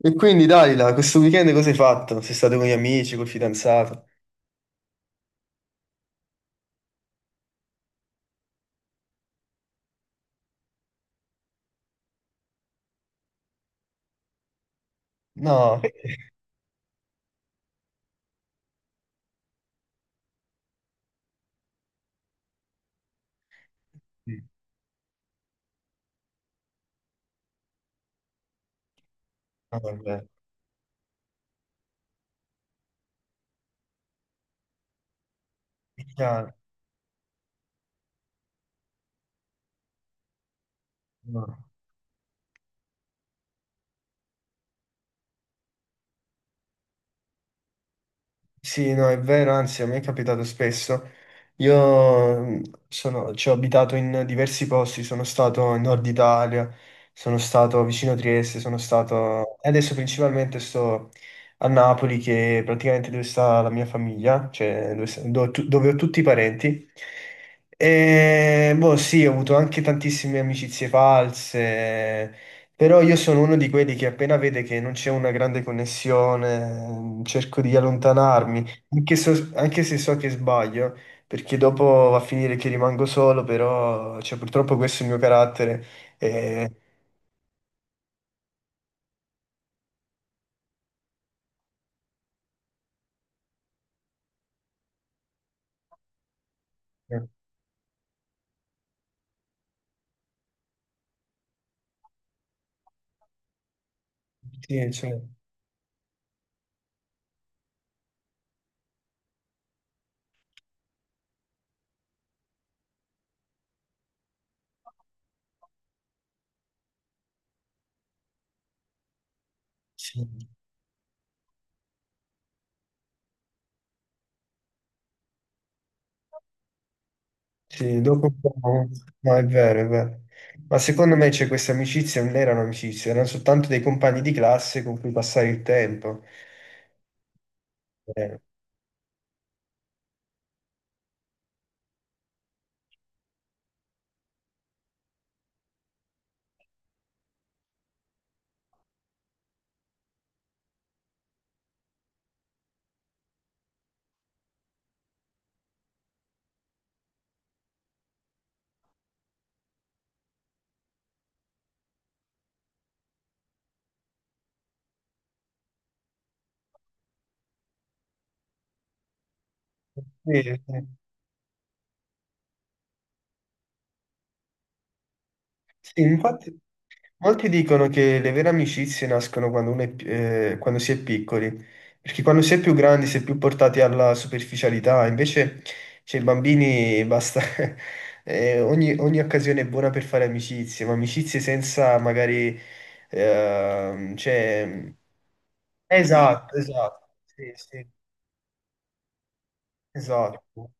E quindi Dalila, questo weekend cosa hai fatto? Sei stato con gli amici, col fidanzato? No. Eh, no, vabbè, chiaro, no. Sì, no, è vero, anzi, a me è capitato spesso. Io ci ho abitato in diversi posti, sono stato in Nord Italia, sono stato vicino a Trieste, sono stato... e adesso principalmente sto a Napoli, che è praticamente dove sta la mia famiglia, cioè dove, dove ho tutti i parenti. E boh, sì, ho avuto anche tantissime amicizie false, però io sono uno di quelli che appena vede che non c'è una grande connessione, cerco di allontanarmi, anche, anche se so che sbaglio, perché dopo va a finire che rimango solo, però cioè, purtroppo questo è il mio carattere. e- eh, sì, cioè, sì, sì, dopo un po'... No, è vero, è vero. Ma secondo me c'è queste amicizie, non erano amicizie, erano soltanto dei compagni di classe con cui passare il tempo. Eh, sì, sì. Sì, infatti... Molti dicono che le vere amicizie nascono quando, quando si è piccoli, perché quando si è più grandi si è più portati alla superficialità, invece cioè, i bambini basta, ogni, ogni occasione è buona per fare amicizie, ma amicizie senza magari... cioè... Esatto, esatto, sì, sì, esatto,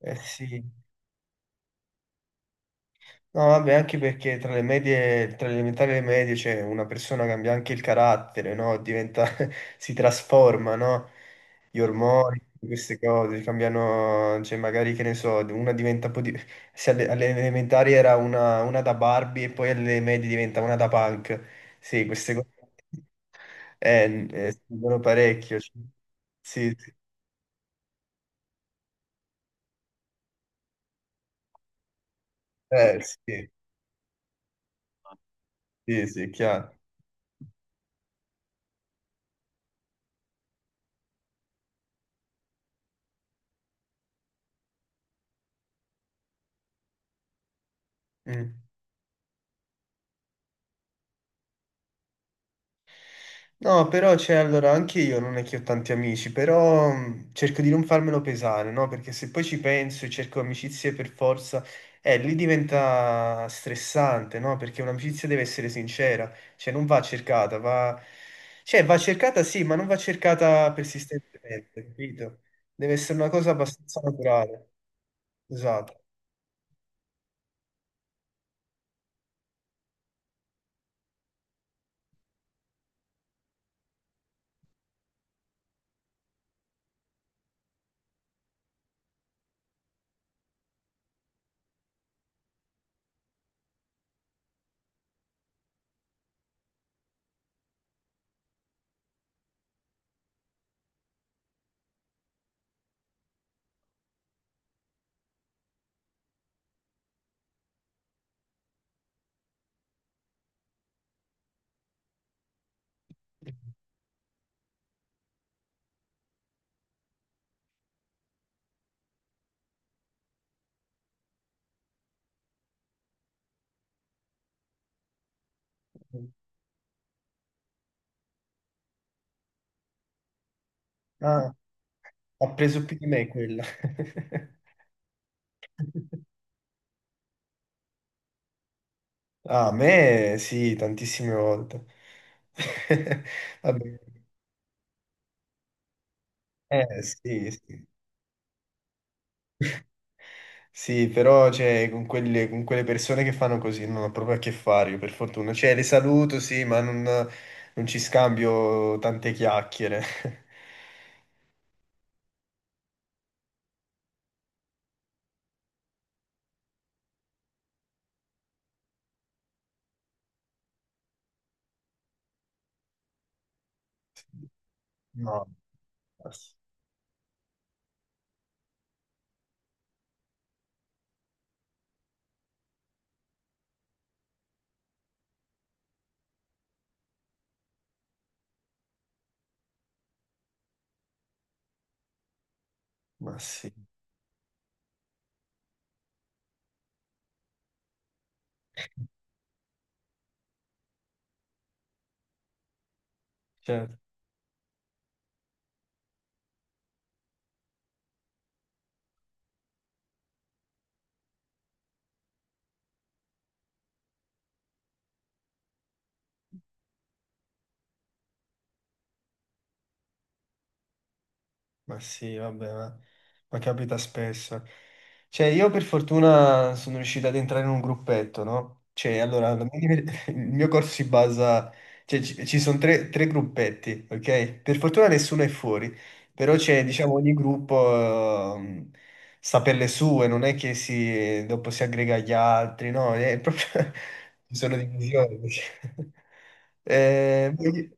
sì. No, vabbè, anche perché tra le medie, tra le elementari e le medie, cioè, una persona cambia anche il carattere, no? Diventa, si trasforma, no? Gli ormoni, queste cose cambiano, cioè, magari che ne so, una diventa un po' di... Se alle elementari era una da Barbie e poi alle medie diventa una da punk. Sì, queste cose sono parecchio. Cioè. Sì, sì, sì, sì, sì, è chiaro. Mm. No, però c'è allora anche io non è che ho tanti amici, però cerco di non farmelo pesare, no? Perché se poi ci penso e cerco amicizie per forza, lì diventa stressante, no? Perché un'amicizia deve essere sincera, cioè non va cercata, va... cioè va cercata sì, ma non va cercata persistentemente, capito? Deve essere una cosa abbastanza naturale, esatto. Ah, ha preso più di me quella. Ah, a me sì, tantissime volte. Vabbè, sì, sì. Sì, però cioè, con quelle persone che fanno così non ho proprio a che fare, io per fortuna. Cioè, le saluto, sì, ma non, non ci scambio tante chiacchiere. No, ma s- ma sì. Certo. Ma sì, vabbè, ma capita spesso. Cioè, io per fortuna sono riuscito ad entrare in un gruppetto, no? Cioè, allora, il mio corso si basa... Cioè, ci sono tre gruppetti, ok? Per fortuna nessuno è fuori, però c'è, diciamo, ogni gruppo sta per le sue, non è che si, dopo si aggrega agli altri, no? È proprio... Ci sono divisioni. Eh, voi-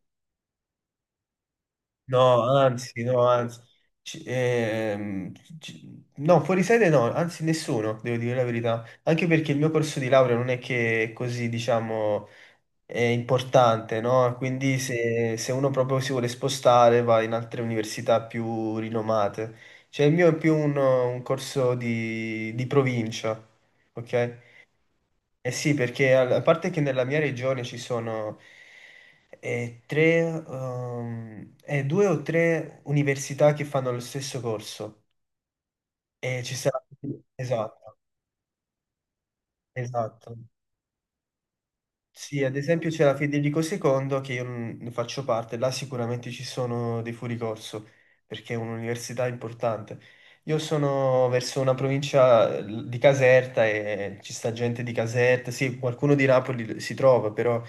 No, anzi, no, anzi. Ci- ehm, no, fuori sede no, anzi nessuno, devo dire la verità. Anche perché il mio corso di laurea non è che è così, diciamo, è importante, no? Quindi se uno proprio si vuole spostare va in altre università più rinomate. Cioè il mio è più un corso di provincia, ok? Eh sì, perché a parte che nella mia regione ci sono eh, tre, 2 o 3 università che fanno lo stesso corso. E ci sarà... Esatto, esatto. Sì, ad esempio c'è la Federico II, che io non ne faccio parte, là sicuramente ci sono dei fuoricorso, perché è un'università importante. Io sono verso una provincia di Caserta e ci sta gente di Caserta, sì, qualcuno di Napoli si trova, però...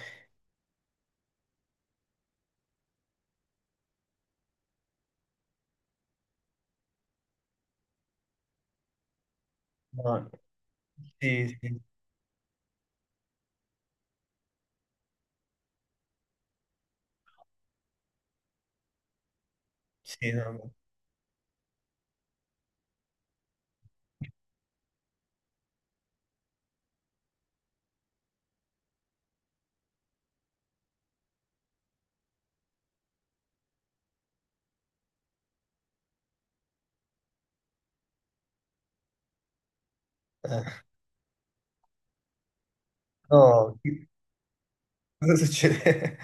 no. Sì, sì, sì, no, no. Eh, no, cosa succede?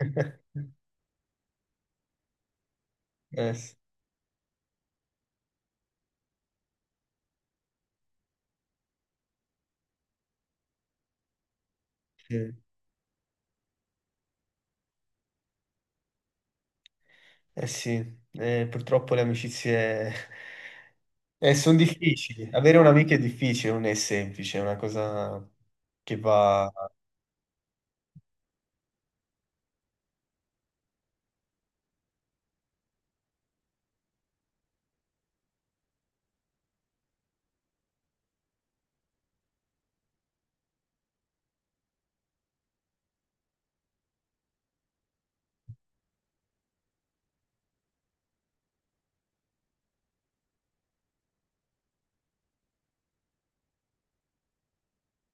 Sì, sì. Eh, sì. Purtroppo le amicizie sono difficili. Avere un'amica è difficile, non è semplice, è una cosa che va,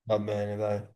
va bene, dai.